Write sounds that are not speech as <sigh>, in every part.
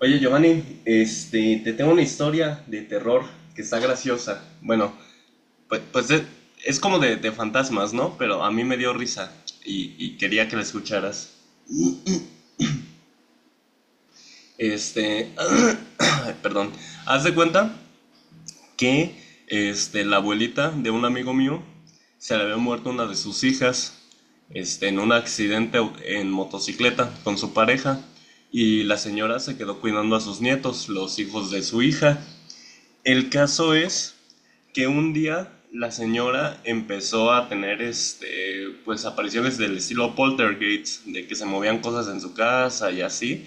Oye, Giovanni, te tengo una historia de terror que está graciosa. Bueno, pues es como de fantasmas, ¿no? Pero a mí me dio risa y quería que la escucharas. Este, <clears throat> perdón, haz de cuenta que la abuelita de un amigo mío se le había muerto una de sus hijas en un accidente en motocicleta con su pareja, y la señora se quedó cuidando a sus nietos, los hijos de su hija. El caso es que un día la señora empezó a tener pues apariciones del estilo poltergeist, de que se movían cosas en su casa y así,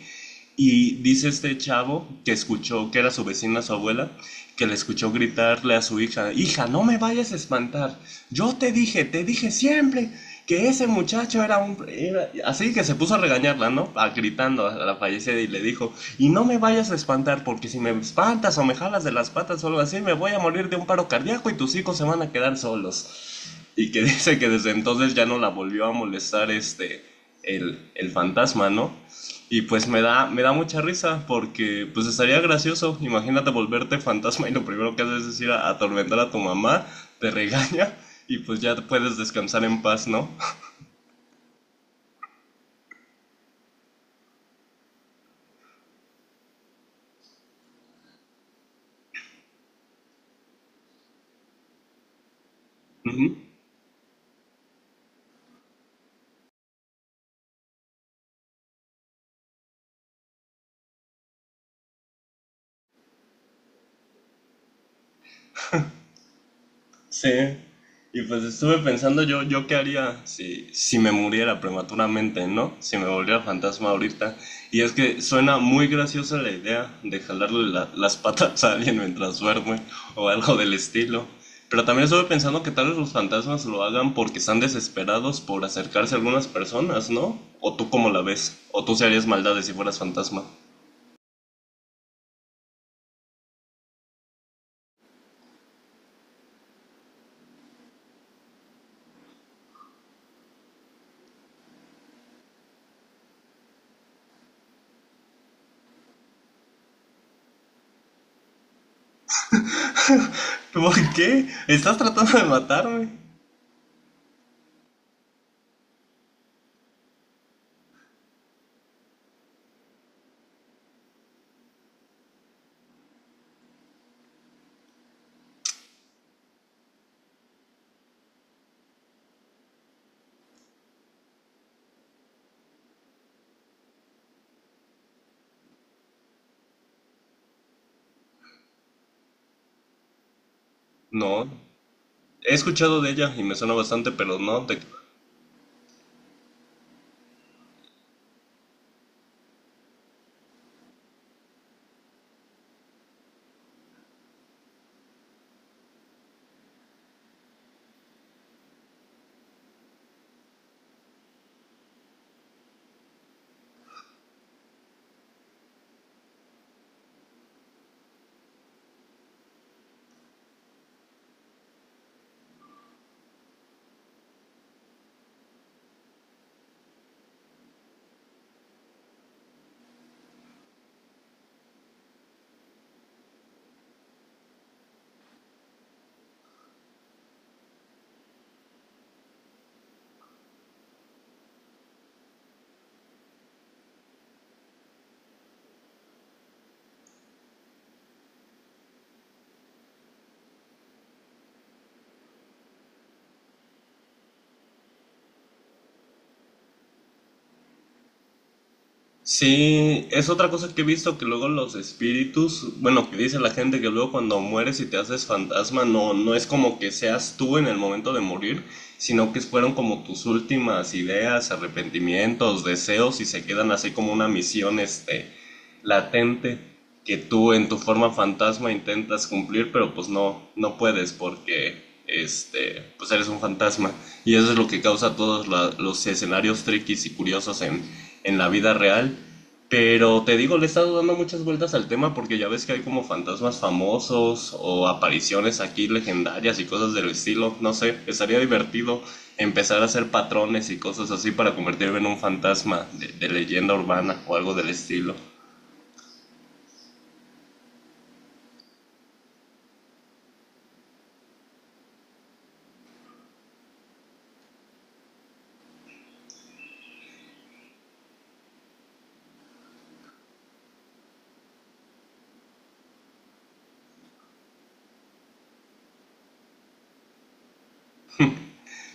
y dice este chavo que escuchó, que era su vecina, su abuela, que le escuchó gritarle a su hija: "Hija, no me vayas a espantar. Yo te dije siempre que ese muchacho era un... era-". Así que se puso a regañarla, ¿no? A- gritando a la fallecida y le dijo: "Y no me vayas a espantar, porque si me espantas o me jalas de las patas o algo así, me voy a morir de un paro cardíaco y tus hijos se van a quedar solos". Y que <laughs> dice que desde entonces ya no la volvió a molestar, el fantasma, ¿no? Y pues me da mucha risa porque pues estaría gracioso. Imagínate volverte fantasma y lo primero que haces es ir a atormentar a tu mamá, te regaña y pues ya puedes descansar en paz, ¿no? <laughs> Ujú. Sí, y pues estuve pensando, yo qué haría si me muriera prematuramente, ¿no? Si me volviera fantasma ahorita. Y es que suena muy graciosa la idea de jalarle las patas a alguien mientras duerme o algo del estilo. Pero también estuve pensando que tal vez los fantasmas lo hagan porque están desesperados por acercarse a algunas personas, ¿no? O tú cómo la ves, o tú se harías maldades si fueras fantasma. ¿Por qué? ¿Estás tratando de matarme? No, he escuchado de ella y me suena bastante, pero no, te... Sí, es otra cosa que he visto que luego los espíritus, bueno, que dice la gente que luego cuando mueres y te haces fantasma, no es como que seas tú en el momento de morir, sino que fueron como tus últimas ideas, arrepentimientos, deseos, y se quedan así como una misión, latente, que tú en tu forma fantasma intentas cumplir, pero pues no puedes porque pues eres un fantasma. Y eso es lo que causa todos los escenarios triquis y curiosos en la vida real. Pero te digo, le he estado dando muchas vueltas al tema porque ya ves que hay como fantasmas famosos o apariciones aquí legendarias y cosas del estilo. No sé, estaría divertido empezar a hacer patrones y cosas así para convertirme en un fantasma de leyenda urbana o algo del estilo.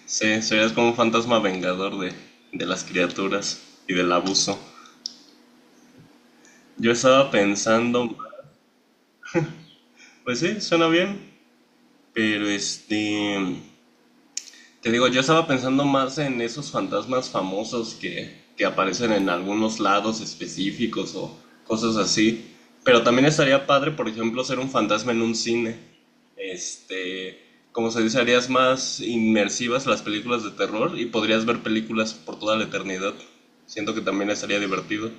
Sí, serías como un fantasma vengador de las criaturas y del abuso. Yo estaba pensando, pues sí, suena bien, pero te digo, yo estaba pensando más en esos fantasmas famosos que aparecen en algunos lados específicos o cosas así. Pero también estaría padre, por ejemplo, ser un fantasma en un cine. Este, como se dice, harías más inmersivas las películas de terror y podrías ver películas por toda la eternidad. Siento que también estaría divertido.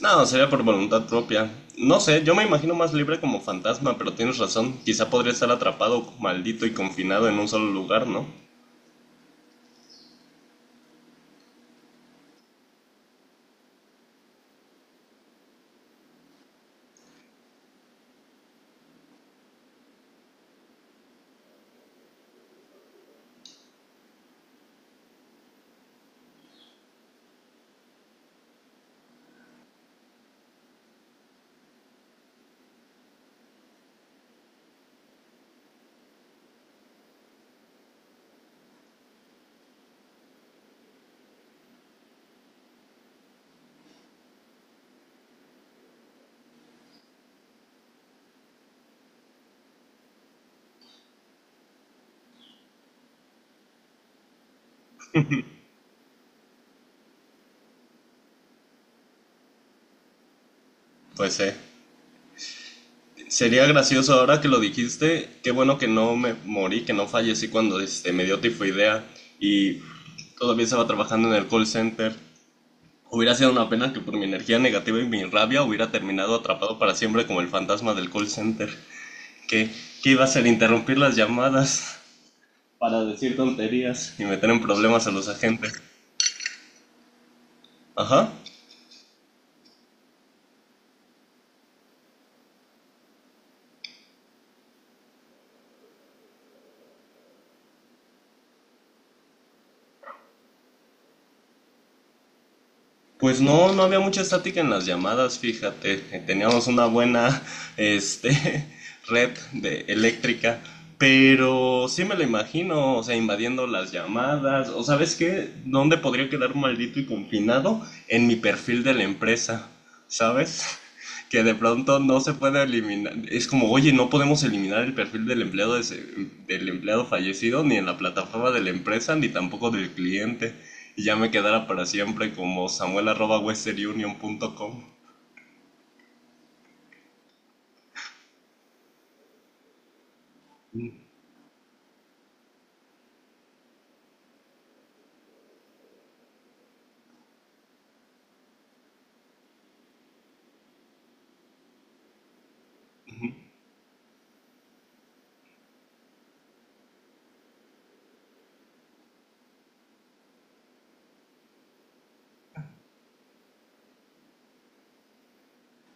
No, sería por voluntad propia. No sé, yo me imagino más libre como fantasma, pero tienes razón. Quizá podría estar atrapado, maldito y confinado en un solo lugar, ¿no? Pues sería gracioso ahora que lo dijiste. Qué bueno que no me morí, que no fallecí cuando me dio tifoidea y todavía estaba trabajando en el call center. Hubiera sido una pena que por mi energía negativa y mi rabia hubiera terminado atrapado para siempre como el fantasma del call center. Que, que iba a hacer interrumpir las llamadas para decir tonterías y meter en problemas a los agentes. Ajá. Pues no, no había mucha estática en las llamadas, fíjate. Teníamos una buena, este, <laughs> red de eléctrica. Pero sí me lo imagino, o sea, invadiendo las llamadas. O sabes qué, ¿dónde podría quedar maldito y confinado? En mi perfil de la empresa, ¿sabes? <laughs> Que de pronto no se puede eliminar. Es como, oye, no podemos eliminar el perfil del empleado, del empleado fallecido, ni en la plataforma de la empresa, ni tampoco del cliente, y ya me quedara para siempre como samuel.westernunion.com.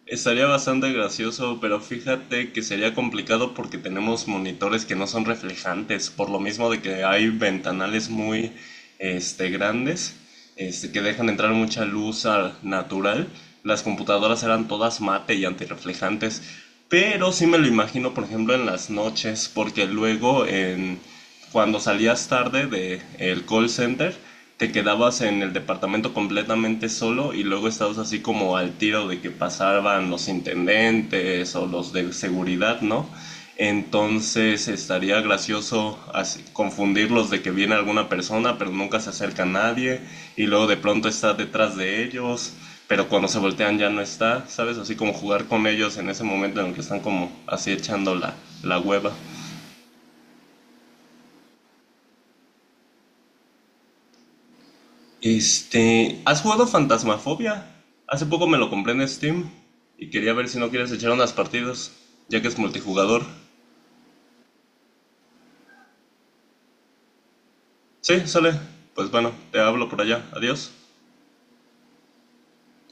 Estaría bastante gracioso, pero fíjate que sería complicado porque tenemos monitores que no son reflejantes, por lo mismo de que hay ventanales muy grandes, que dejan entrar mucha luz al natural. Las computadoras eran todas mate y antirreflejantes, pero sí me lo imagino, por ejemplo, en las noches, porque luego en... cuando salías tarde de el call center, te quedabas en el departamento completamente solo y luego estabas así como al tiro de que pasaban los intendentes o los de seguridad, ¿no? Entonces estaría gracioso así- confundirlos de que viene alguna persona, pero nunca se acerca a nadie, y luego de pronto estás detrás de ellos, pero cuando se voltean ya no está, ¿sabes? Así como jugar con ellos en ese momento en el que están como así echando la hueva. ¿Has jugado Fantasmafobia? Hace poco me lo compré en Steam y quería ver si no quieres echar unas partidas, ya que es multijugador. Sí, sale. Pues bueno, te hablo por allá. Adiós.